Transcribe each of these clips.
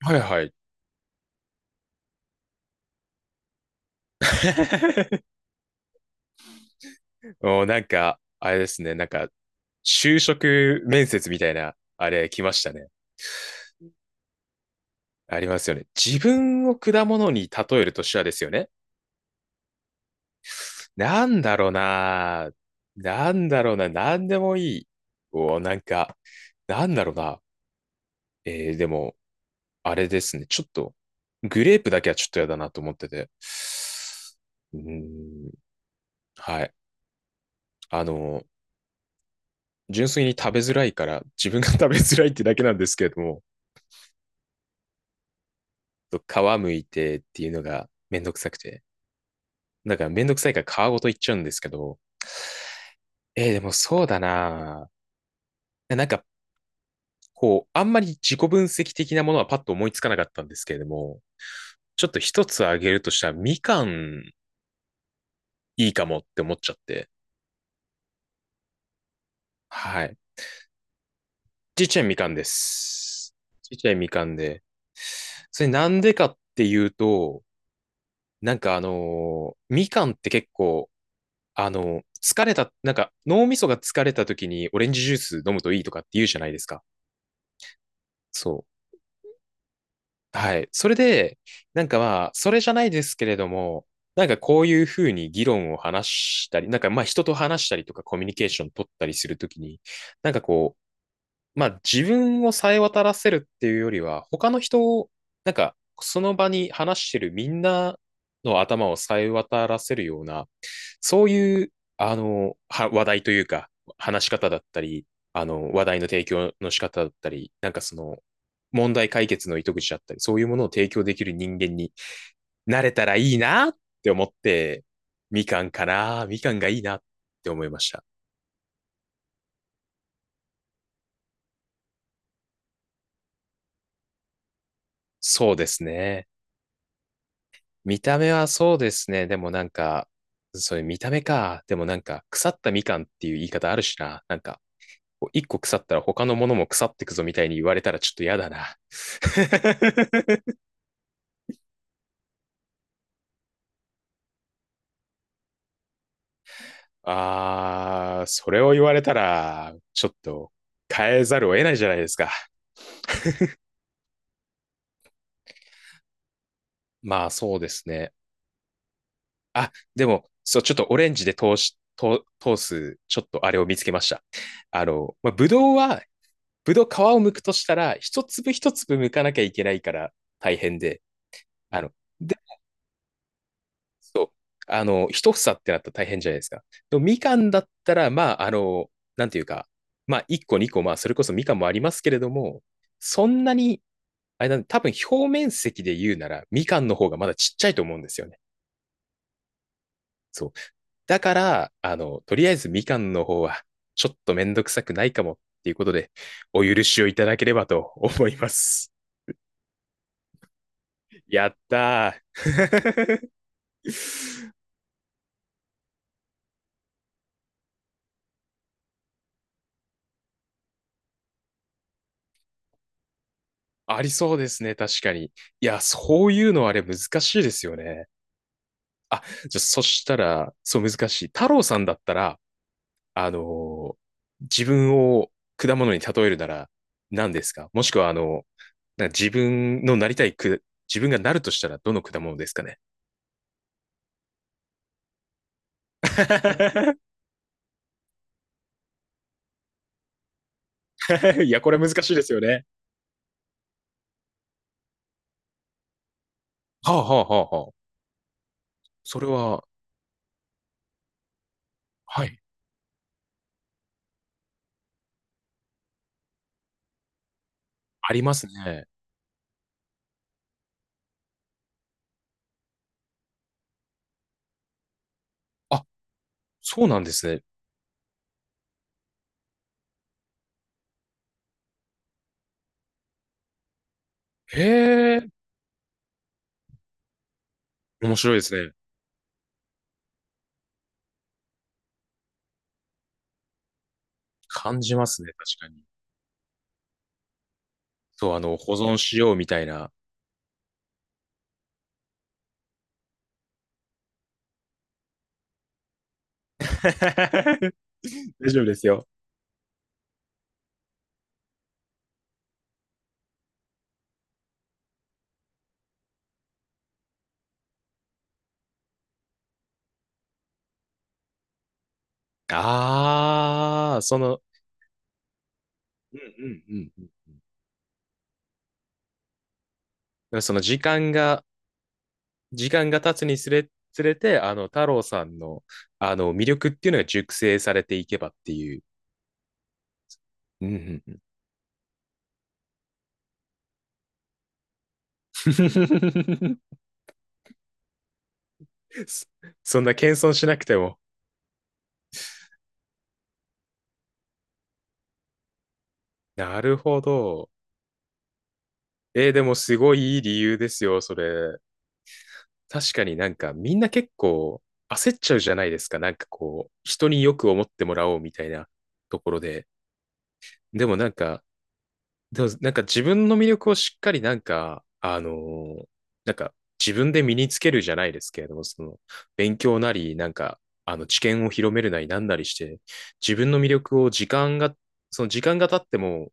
はいはい。もうなんか、あれですね。就職面接みたいな、あれ来ましたね。ありますよね。自分を果物に例えるとしたらですよね。なんだろうな。なんだろうな。なんでもいい。おなんか、なんだろうな。でも、あれですね。ちょっと、グレープだけはちょっとやだなと思ってて。うーん、はい。あの、純粋に食べづらいから、自分が食べづらいってだけなんですけれども、と皮むいてっていうのがめんどくさくて。だからめんどくさいから皮ごといっちゃうんですけど、でもそうだなぁなんか、こう、あんまり自己分析的なものはパッと思いつかなかったんですけれども、ちょっと一つあげるとしたら、みかんいいかもって思っちゃって。はい。ちっちゃいみかんです。ちっちゃいみかんで。それなんでかっていうと、みかんって結構あの、疲れた、なんか脳みそが疲れた時にオレンジジュース飲むといいとかって言うじゃないですか。そう。はい。それで、それじゃないですけれども、なんかこういうふうに議論を話したり、なんかまあ人と話したりとかコミュニケーション取ったりするときに、なんかこう、まあ自分をさえ渡らせるっていうよりは、他の人を、なんかその場に話してるみんなの頭をさえ渡らせるような、そういう、話題というか、話し方だったり、あの、話題の提供の仕方だったり、問題解決の糸口だったり、そういうものを提供できる人間になれたらいいなって思って、みかんかな、みかんがいいなって思いました。そうですね。見た目はそうですね。でもなんか、そういう見た目か。でもなんか、腐ったみかんっていう言い方あるしな。なんか、こう一個腐ったら他のものも腐ってくぞみたいに言われたらちょっと嫌だな。あー、それを言われたら、ちょっと変えざるを得ないじゃないですか。まあそうですね。あ、でも、そう、ちょっとオレンジで通し、通通す、ちょっとあれを見つけました。ぶどうはぶどう皮を剥くとしたら、一粒一粒剥かなきゃいけないから大変で、あの、で、そう、あの、一房ってなったら大変じゃないですか。でもみかんだったら、まあ、あの、なんていうか、まあ、一個二個、まあ、それこそみかんもありますけれども、そんなに、あれなんで多分表面積で言うなら、みかんの方がまだちっちゃいと思うんですよね。そう。だから、あの、とりあえずみかんの方は、ちょっとめんどくさくないかもっていうことで、お許しをいただければと思います。やったー。ありそうですね、確かに。いや、そういうのあれ難しいですよね。あ、じゃあ、そしたら、そう難しい。太郎さんだったら、あのー自分を果物に例えるなら何ですか。もしくは、自分のなりたいく、自分がなるとしたらどの果物ですかね？ いや、これ難しいですよね。はあ、はあ、はあ、はあ。それは、はい、ありますね。あ、そうなんですね。へえ、面白いですね。感じますね、確かに。そう、あの、保存しようみたいな。大丈夫ですよ。ああ、その、うんうんうんうん。だからその時間が、時間が経つにつれ、つれて、あの、太郎さんの、あの、魅力っていうのが熟成されていけばっていう。うんうん そそんな謙遜しなくても。なるほど。えーでもすごいいい理由ですよ、それ。確かになんかみんな結構焦っちゃうじゃないですか。なんかこう、人によく思ってもらおうみたいなところで。でもなんか、でもなんか自分の魅力をしっかりなんか、なんか自分で身につけるじゃないですけれども、その勉強なり、あの知見を広めるなりなんなりして、自分の魅力を時間が、その時間が経っても、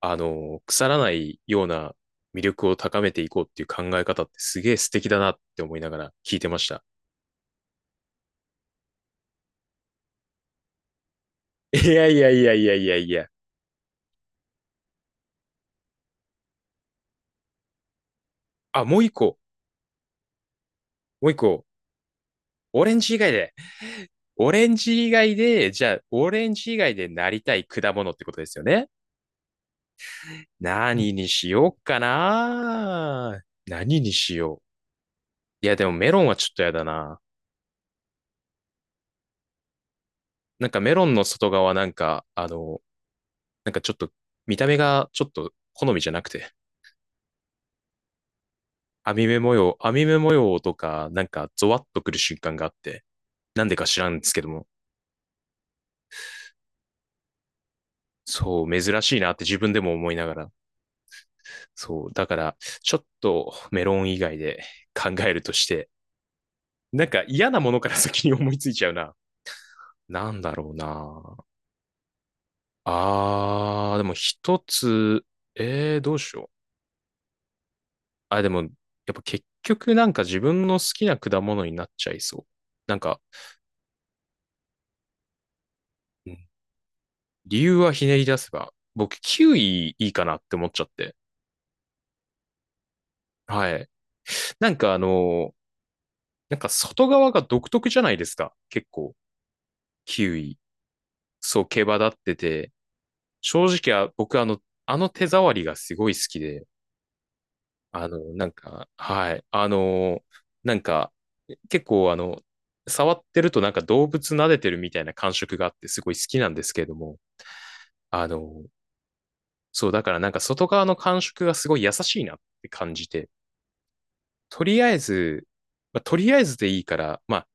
あのー腐らないような魅力を高めていこうっていう考え方ってすげえ素敵だなって思いながら聞いてました。いやいやいやいやいやいや。あ、もう一個、もう一個。オレンジ以外で。オレンジ以外で、じゃあ、オレンジ以外でなりたい果物ってことですよね。何にしようかな。何にしよう。いや、でもメロンはちょっとやだな。メロンの外側なんか、あの、なんかちょっと見た目がちょっと好みじゃなくて、網目模様とか、なんかゾワッとくる瞬間があって、なんでか知らんですけども、そう、珍しいなって自分でも思いながら、そう、だから、ちょっとメロン以外で考えるとして、なんか嫌なものから先に思いついちゃうな。なんだろうな。あー、でも一つ、えー、どうしよう。あ、でも、やっぱ結局なんか自分の好きな果物になっちゃいそう。なんか、うん理由はひねり出せば、僕、キウイいいかなって思っちゃって。はい。なんかあの、なんか外側が独特じゃないですか。結構、キウイ。そう、毛羽立ってて、正直は僕あの、あの手触りがすごい好きで、あの、なんか、はい、あの、なんか、結構あの、触ってるとなんか動物撫でてるみたいな感触があってすごい好きなんですけれども、あの、そう、だからなんか外側の感触がすごい優しいなって感じて、とりあえず、まあ、とりあえずでいいから、まあ、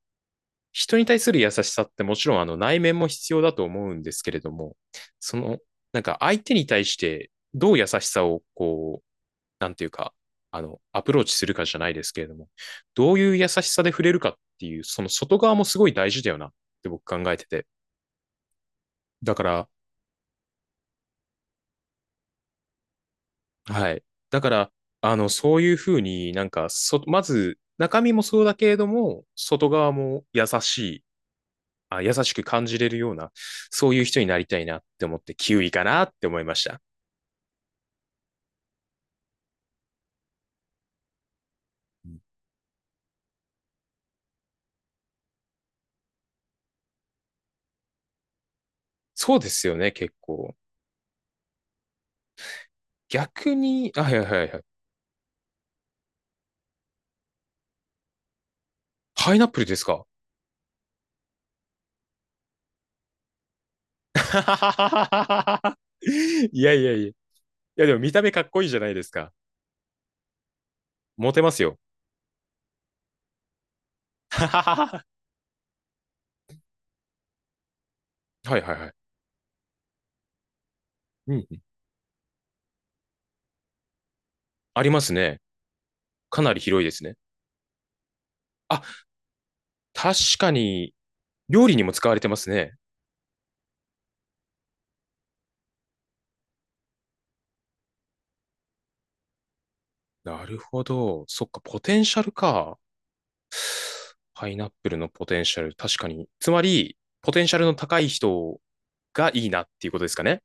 人に対する優しさってもちろんあの内面も必要だと思うんですけれども、その、なんか相手に対してどう優しさをこう、なんていうか、あの、アプローチするかじゃないですけれども、どういう優しさで触れるかっていう、その外側もすごい大事だよなって僕考えてて。だから、はい。だから、あの、そういうふうになんか、そ、まず、中身もそうだけれども、外側も優しく感じれるような、そういう人になりたいなって思って、キウイかなって思いました。うんそうですよね、結構。逆に、あ、はいはいはいはい。パイナップルですか？ いやいやいやいや、でも見た目かっこいいじゃないですか。モテますよ。はいはいはい。うん。ありますね。かなり広いですね。あ、確かに、料理にも使われてますね。なるほど。そっか、ポテンシャルか。パイナップルのポテンシャル、確かに。つまり、ポテンシャルの高い人がいいなっていうことですかね。